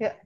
या-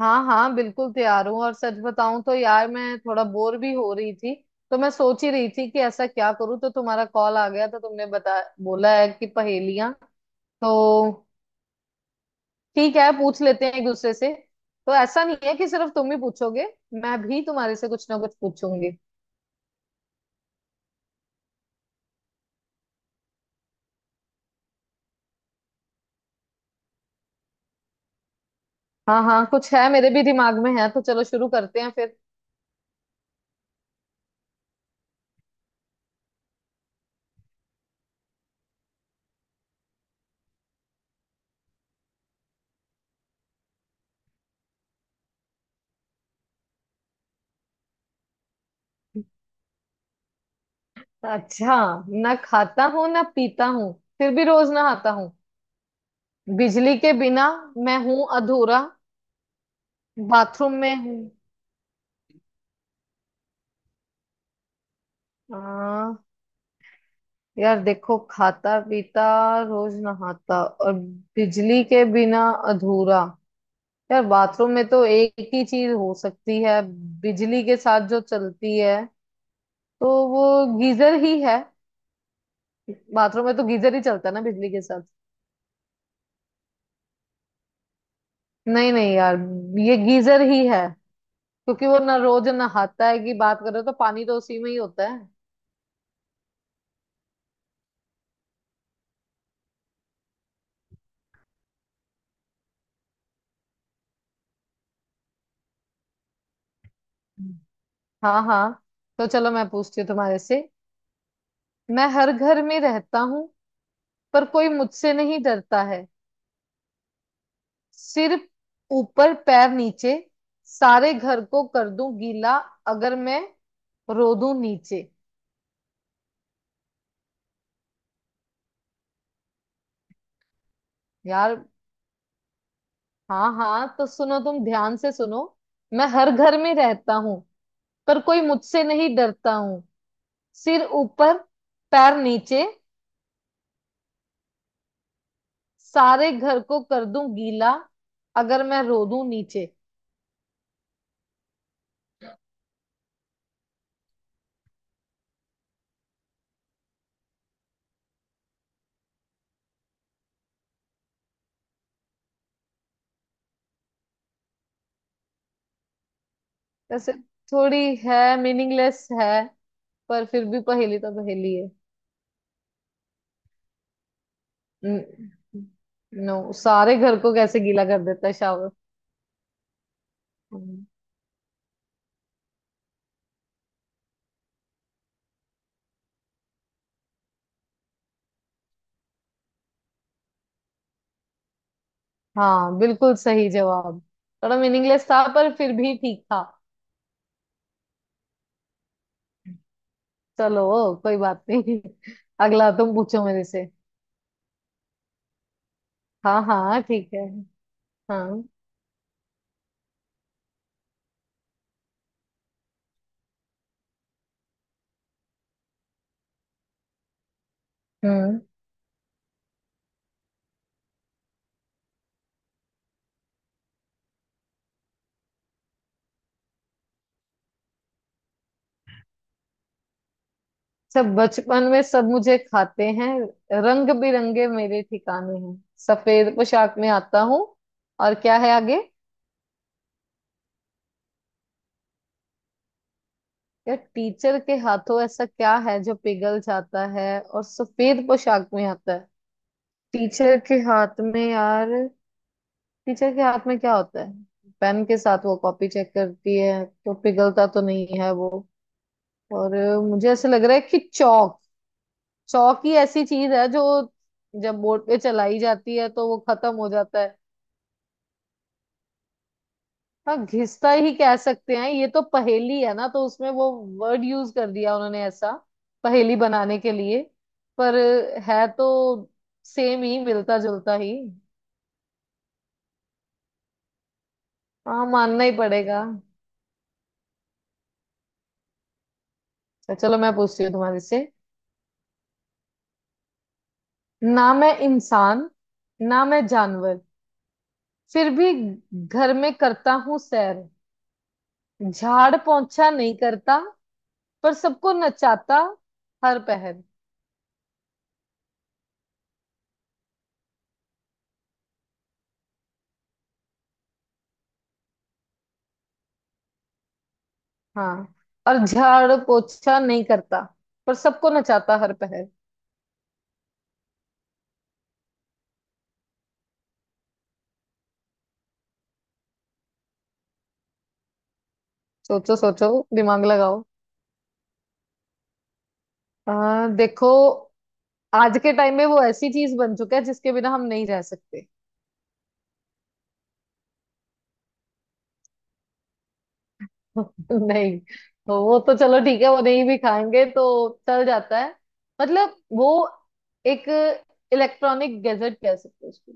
हाँ हाँ बिल्कुल तैयार हूँ। और सच बताऊं तो यार मैं थोड़ा बोर भी हो रही थी, तो मैं सोच ही रही थी कि ऐसा क्या करूँ। तो तुम्हारा कॉल आ गया, तो तुमने बता बोला है कि पहेलियां, तो ठीक है, पूछ लेते हैं एक दूसरे से। तो ऐसा नहीं है कि सिर्फ तुम ही पूछोगे, मैं भी तुम्हारे से कुछ ना कुछ पूछूंगी। हाँ हाँ, कुछ है मेरे भी दिमाग में है, तो चलो शुरू करते हैं फिर। अच्छा, ना खाता हूँ ना पीता हूँ, फिर भी रोज नहाता हूँ, बिजली के बिना मैं हूँ अधूरा, बाथरूम में हूँ। हाँ। यार देखो, खाता पीता, रोज नहाता और बिजली के बिना अधूरा, यार बाथरूम में तो एक ही चीज हो सकती है बिजली के साथ जो चलती है, तो वो गीजर ही है। बाथरूम में तो गीजर ही चलता है ना बिजली के साथ। नहीं नहीं यार, ये गीजर ही है, क्योंकि वो ना रोज नहाता है कि बात करो तो पानी तो उसी में ही होता है। हाँ हाँ, तो चलो मैं पूछती हूँ तुम्हारे से। मैं हर घर में रहता हूँ, पर कोई मुझसे नहीं डरता है। सिर ऊपर पैर नीचे, सारे घर को कर दूं गीला, अगर मैं रो दूं नीचे। यार, हाँ हाँ तो सुनो, तुम ध्यान से सुनो। मैं हर घर में रहता हूँ, पर कोई मुझसे नहीं डरता हूँ। सिर ऊपर पैर नीचे, सारे घर को कर दूं गीला, अगर मैं रो दूं नीचे। वैसे थोड़ी है, मीनिंगलेस है, पर फिर भी पहेली तो पहेली है। न- नो, सारे घर को कैसे गीला कर देता है शावर। हम्म, हाँ बिल्कुल सही जवाब। थोड़ा मीनिंगलेस था पर फिर भी ठीक था। चलो, कोई बात नहीं। अगला तुम पूछो मेरे से। हाँ हाँ ठीक है। हाँ। हम्म। सब बचपन में सब मुझे खाते हैं, रंग बिरंगे मेरे ठिकाने हैं, सफेद पोशाक में आता हूँ, और क्या है आगे? या टीचर के हाथों ऐसा क्या है जो पिघल जाता है और सफेद पोशाक में आता है? टीचर के हाथ में यार, टीचर के हाथ में क्या होता है? पेन के साथ वो कॉपी चेक करती है, तो पिघलता तो नहीं है वो। और मुझे ऐसे लग रहा है कि चौक, चौक ही ऐसी चीज है जो जब बोर्ड पे चलाई जाती है तो वो खत्म हो जाता है। हाँ, घिसता ही कह सकते हैं, ये तो पहेली है ना, तो उसमें वो वर्ड यूज कर दिया उन्होंने ऐसा पहेली बनाने के लिए। पर है तो सेम ही, मिलता जुलता ही। हाँ, मानना ही पड़ेगा। तो चलो मैं पूछती हूँ तुम्हारे से। ना मैं इंसान, ना मैं जानवर, फिर भी घर में करता हूँ सैर। झाड़ पोंछा नहीं करता, पर सबको नचाता हर पहर। हाँ, और झाड़ पोंछा नहीं करता, पर सबको नचाता हर पहर। सोचो सोचो, दिमाग लगाओ। देखो, आज के टाइम में वो ऐसी चीज बन चुका है जिसके बिना हम नहीं रह सकते। नहीं, तो वो तो चलो ठीक है, वो नहीं भी खाएंगे तो चल जाता है। मतलब वो एक इलेक्ट्रॉनिक गैजेट कह सकते हैं उसको।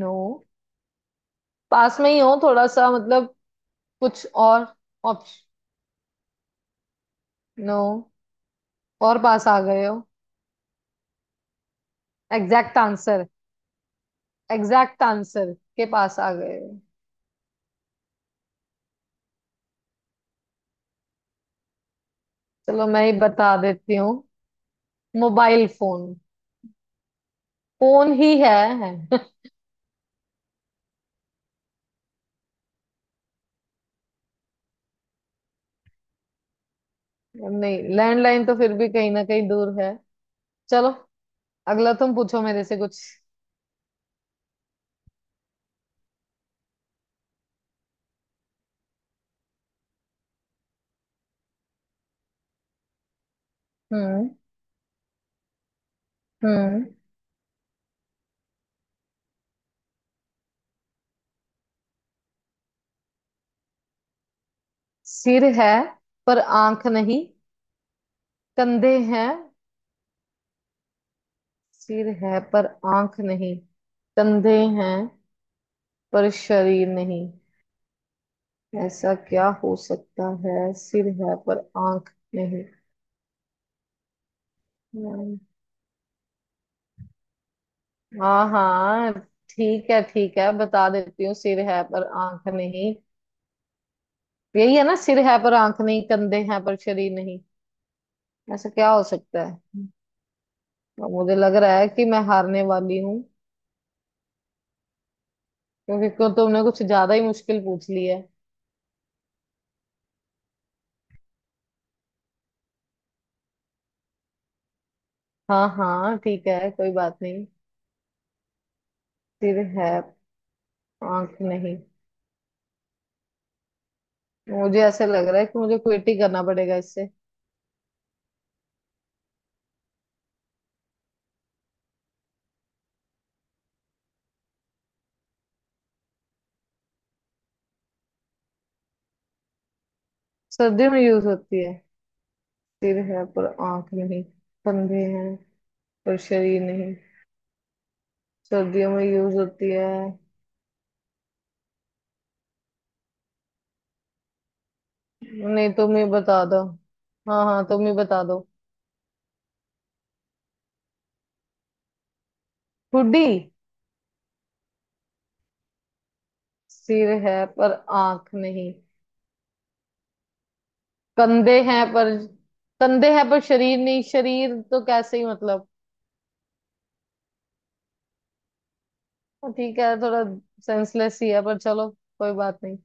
नो, पास में ही हो थोड़ा सा, मतलब कुछ और ऑप्शन। नो, और पास आ गए हो। एग्जैक्ट आंसर, एग्जैक्ट आंसर के पास आ गए हो। चलो मैं ही बता देती हूँ, मोबाइल फोन। फोन ही है, है। नहीं, लैंडलाइन तो फिर भी कहीं ना कहीं दूर है। चलो, अगला तुम पूछो मेरे से कुछ। हम्म। हम्म। सिर है पर आंख नहीं, कंधे हैं। सिर है पर आंख नहीं, कंधे हैं पर शरीर नहीं। ऐसा क्या हो सकता है, सिर है पर आंख नहीं? हम्म, हाँ हाँ ठीक है, ठीक है बता देती हूँ, सिर है पर आंख नहीं, यही है ना, सिर है पर आंख नहीं, कंधे हैं पर शरीर नहीं, ऐसा क्या हो सकता है? अब मुझे लग रहा है कि मैं हारने वाली हूँ, क्योंकि को तुमने कुछ ज्यादा ही मुश्किल पूछ ली है। हाँ हाँ ठीक है, कोई बात नहीं। सिर है, आंख नहीं। मुझे ऐसे लग रहा है कि मुझे क्विट ही करना पड़ेगा इससे। सर्दियों में यूज होती है? सिर है पर आंख नहीं, कंधे हैं पर शरीर नहीं, सर्दियों में यूज होती है। नहीं तुम ही बता दो, हाँ हाँ तुम ही बता दो। हुडी। सिर है पर आंख नहीं, कंधे हैं पर, कंधे हैं पर शरीर नहीं, शरीर तो कैसे ही, मतलब। हाँ, ठीक है, थोड़ा सेंसलेस ही है पर चलो, कोई बात नहीं।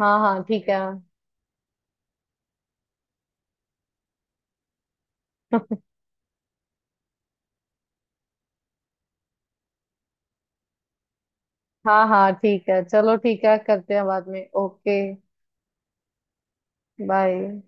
हाँ हाँ ठीक है। हाँ हाँ ठीक है, चलो ठीक है, करते हैं बाद में। Okay, bye.